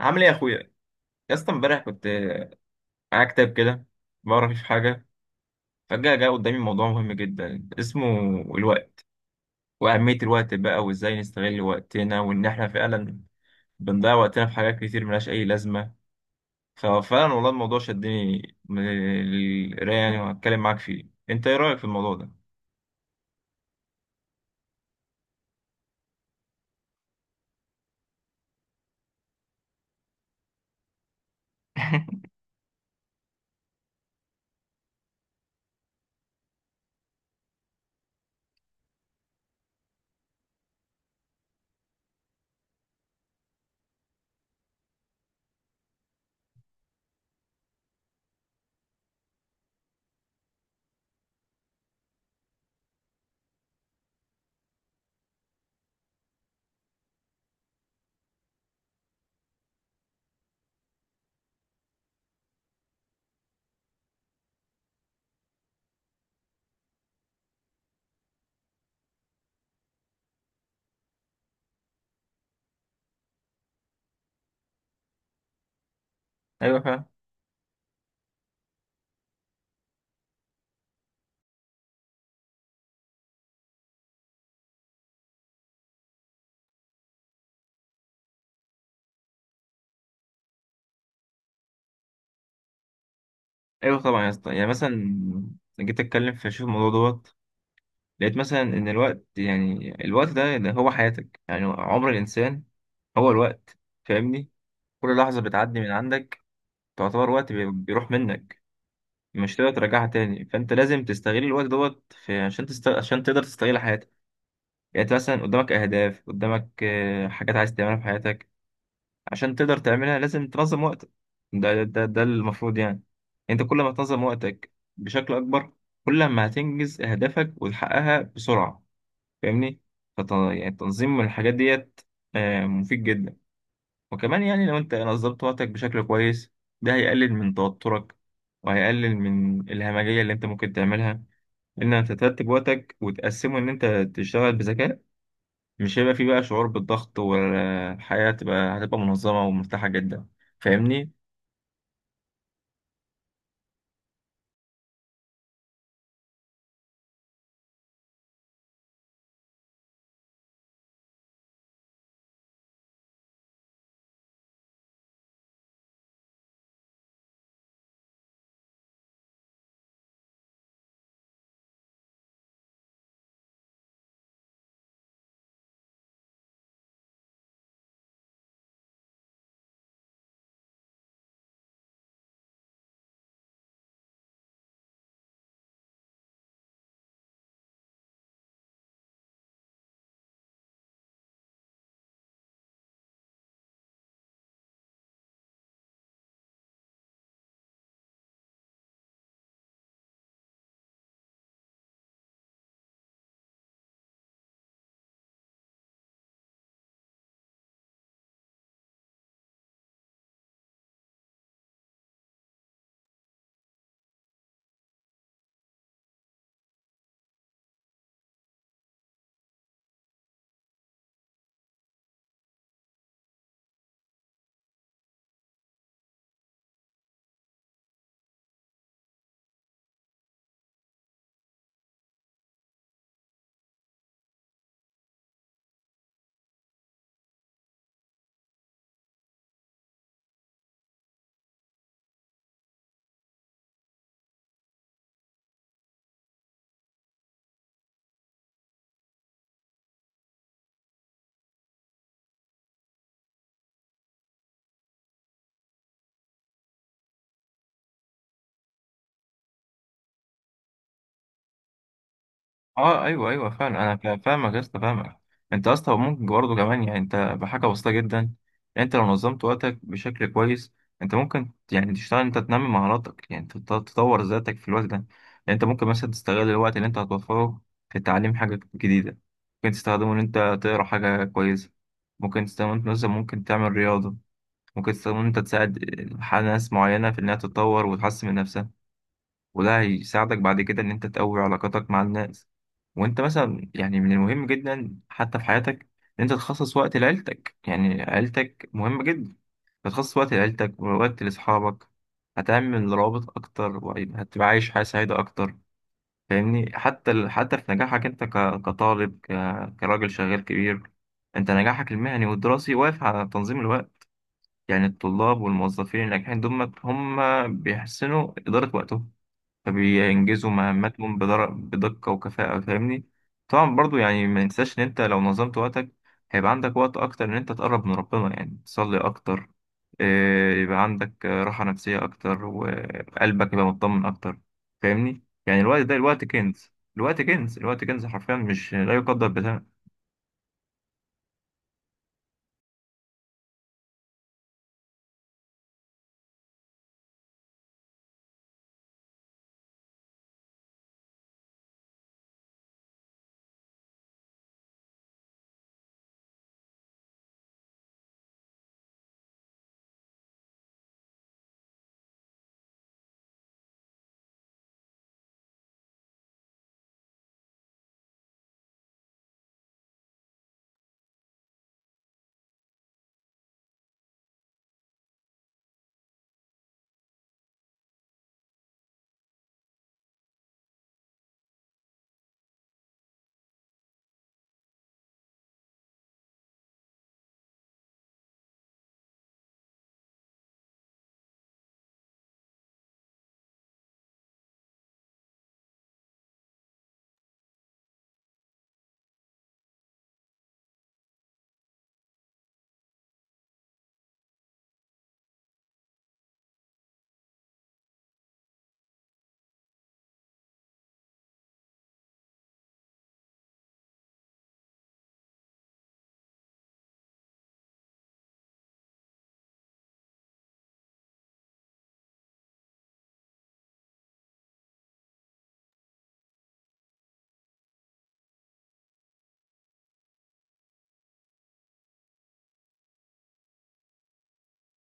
عامل ايه يا اخويا؟ يا اسطى، امبارح كنت معايا كتاب كده بقرا فيه في حاجه، فجاه جه قدامي موضوع مهم جدا اسمه الوقت، واهميه الوقت، بقى وازاي نستغل وقتنا وان احنا فعلا بنضيع وقتنا في حاجات كتير ملهاش اي لازمه. ففعلا والله الموضوع شدني من القرايه، يعني وهتكلم معاك فيه. انت ايه رايك في الموضوع ده؟ ايوه، فعلا. ايوه طبعا يا اسطى، يعني مثلا جيت اتكلم في شوف الموضوع دوت، لقيت مثلا ان الوقت، يعني الوقت ده اللي هو حياتك، يعني عمر الانسان هو الوقت. فاهمني؟ كل لحظه بتعدي من عندك تعتبر وقت بيروح منك، مش تقدر ترجعها تاني. فانت لازم تستغل الوقت دوت في عشان تقدر تستغل حياتك. يعني انت مثلا قدامك اهداف، قدامك حاجات عايز تعملها في حياتك. عشان تقدر تعملها لازم تنظم وقتك. ده المفروض، يعني انت كل ما تنظم وقتك بشكل اكبر، كل ما هتنجز اهدافك وتحققها بسرعه. فاهمني؟ يعني تنظيم الحاجات ديت، مفيد جدا. وكمان يعني لو انت نظمت وقتك بشكل كويس، ده هيقلل من توترك وهيقلل من الهمجية اللي انت ممكن تعملها، ان انت ترتب وقتك وتقسمه ان انت تشتغل بذكاء. مش هيبقى فيه بقى شعور بالضغط، والحياة هتبقى منظمة ومرتاحة جدا. فاهمني؟ اه ايوه ايوه، فعلا انا فاهمك يا اسطى، فاهمك. انت يا اسطى ممكن برضه كمان، يعني انت بحاجه بسيطه جدا. يعني انت لو نظمت وقتك بشكل كويس، انت ممكن يعني تشتغل، انت تنمي مهاراتك، يعني تطور ذاتك في الوقت ده. يعني انت ممكن مثلا تستغل الوقت اللي انت هتوفره في تعليم حاجه جديده، ممكن تستخدمه ان انت تقرا حاجه كويسه، ممكن تستخدمه انت مثلا ممكن تعمل رياضه، ممكن تستخدمه ان انت تساعد ناس معينه في انها تتطور وتحسن من نفسها. وده هيساعدك بعد كده إن أنت تقوي علاقاتك مع الناس. وأنت مثلا، يعني من المهم جدا حتى في حياتك إن أنت تخصص وقت لعيلتك، يعني عيلتك مهمة جدا. تخصص وقت لعيلتك، ووقت لأصحابك، هتعمل روابط أكتر، وهتبقى عايش حياة سعيدة أكتر. فاهمني؟ حتى في نجاحك أنت كطالب، كراجل شغال كبير، أنت نجاحك المهني والدراسي واقف على تنظيم الوقت. يعني الطلاب والموظفين الناجحين دول هم بيحسنوا إدارة وقتهم، فبينجزوا مهمتهم بدقة وكفاءة. فاهمني؟ طبعا برضو، يعني ما ننساش ان انت لو نظمت وقتك، هيبقى عندك وقت اكتر ان انت تقرب من ربنا، يعني تصلي اكتر، يبقى عندك راحة نفسية اكتر، وقلبك يبقى مطمن اكتر. فاهمني؟ يعني الوقت ده الوقت كنز. الوقت كنز، الوقت كنز حرفيا، مش لا يقدر بثمن.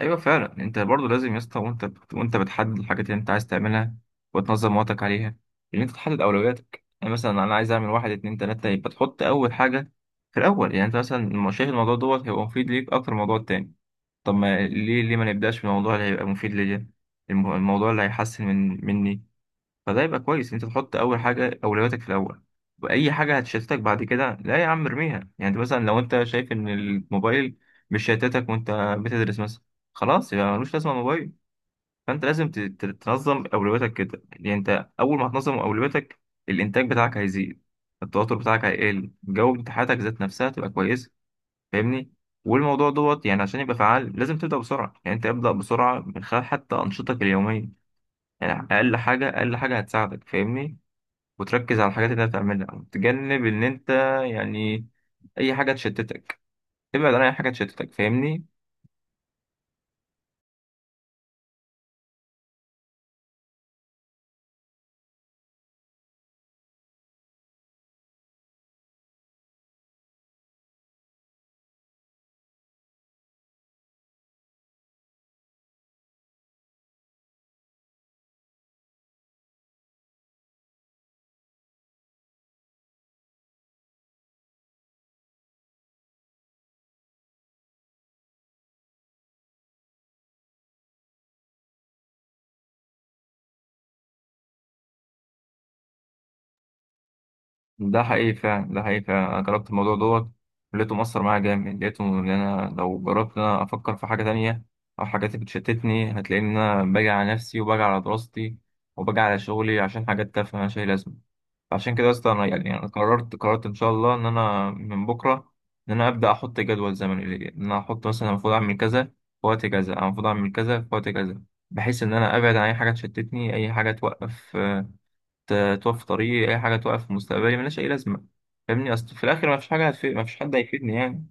ايوه فعلا. انت برضو لازم يا اسطى، وانت بتحدد الحاجات اللي انت عايز تعملها وتنظم وقتك عليها، ان انت تحدد اولوياتك. يعني مثلا انا عايز اعمل واحد اتنين تلاته، يبقى تحط اول حاجه في الاول. يعني انت مثلا شايف الموضوع دوت هيبقى مفيد ليك اكتر من الموضوع التاني، طب ما ليه ما نبداش بالموضوع اللي هيبقى مفيد ليا؟ الموضوع اللي هيحسن من مني. فده يبقى كويس انت تحط اول حاجه اولوياتك في الاول، واي حاجه هتشتتك بعد كده لا يا عم ارميها. يعني مثلا لو انت شايف ان الموبايل مش شتتك وانت بتدرس مثلا، خلاص يبقى ملوش لازمه الموبايل. فانت لازم تنظم اولوياتك كده. يعني انت اول ما تنظم اولوياتك الانتاج بتاعك هيزيد، التوتر بتاعك هيقل، جو امتحاناتك ذات نفسها تبقى كويسه. فاهمني؟ والموضوع دوت، يعني عشان يبقى فعال لازم تبدا بسرعه، يعني انت ابدا بسرعه من خلال حتى انشطتك اليوميه. يعني اقل حاجه، اقل حاجه هتساعدك. فاهمني؟ وتركز على الحاجات اللي انت بتعملها، وتجنب ان انت، يعني اي حاجه تشتتك، ابعد عن اي حاجه تشتتك. فاهمني؟ ده حقيقي فعلا، ده حقيقي فعلا، انا جربت الموضوع دوت، لقيته مؤثر معايا جامد، لقيته ان انا لو جربت ان انا افكر في حاجه تانية او حاجات بتشتتني، هتلاقي ان انا باجي على نفسي، وباجي على دراستي، وباجي على شغلي، عشان حاجات تافهه مالهاش اي لازمه. عشان كده يا اسطى انا، يعني انا قررت ان شاء الله ان انا من بكره ان انا ابدا احط جدول زمني ليا، ان انا احط مثلا المفروض اعمل كذا في وقت كذا، أنا المفروض اعمل كذا في وقت كذا، بحيث ان انا ابعد عن اي حاجه تشتتني، اي حاجه توقف طريقي، اي حاجه توقف مستقبلي ملهاش اي لازمه. فاهمني؟ اصل في الاخر ما فيش حاجه هتفيد، ما فيش حد هيفيدني يعني.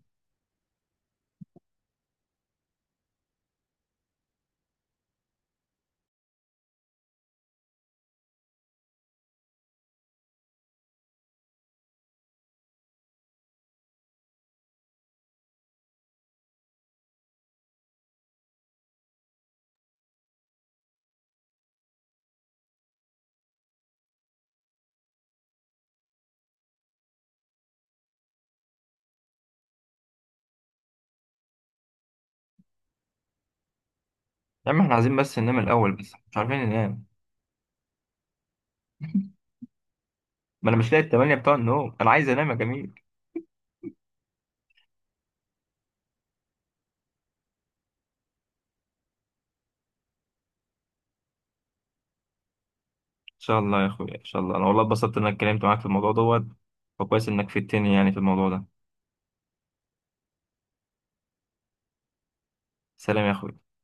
يا عم احنا عايزين بس ننام الاول، بس مش عارفين ننام. ما انا مش لاقي التمانية بتوع النوم، انا عايز انام يا جميل. شاء الله يا اخويا، ان شاء الله. انا والله اتبسطت انك اتكلمت معاك في الموضوع دوت، وكويس انك فدتني يعني في الموضوع ده. سلام يا اخويا.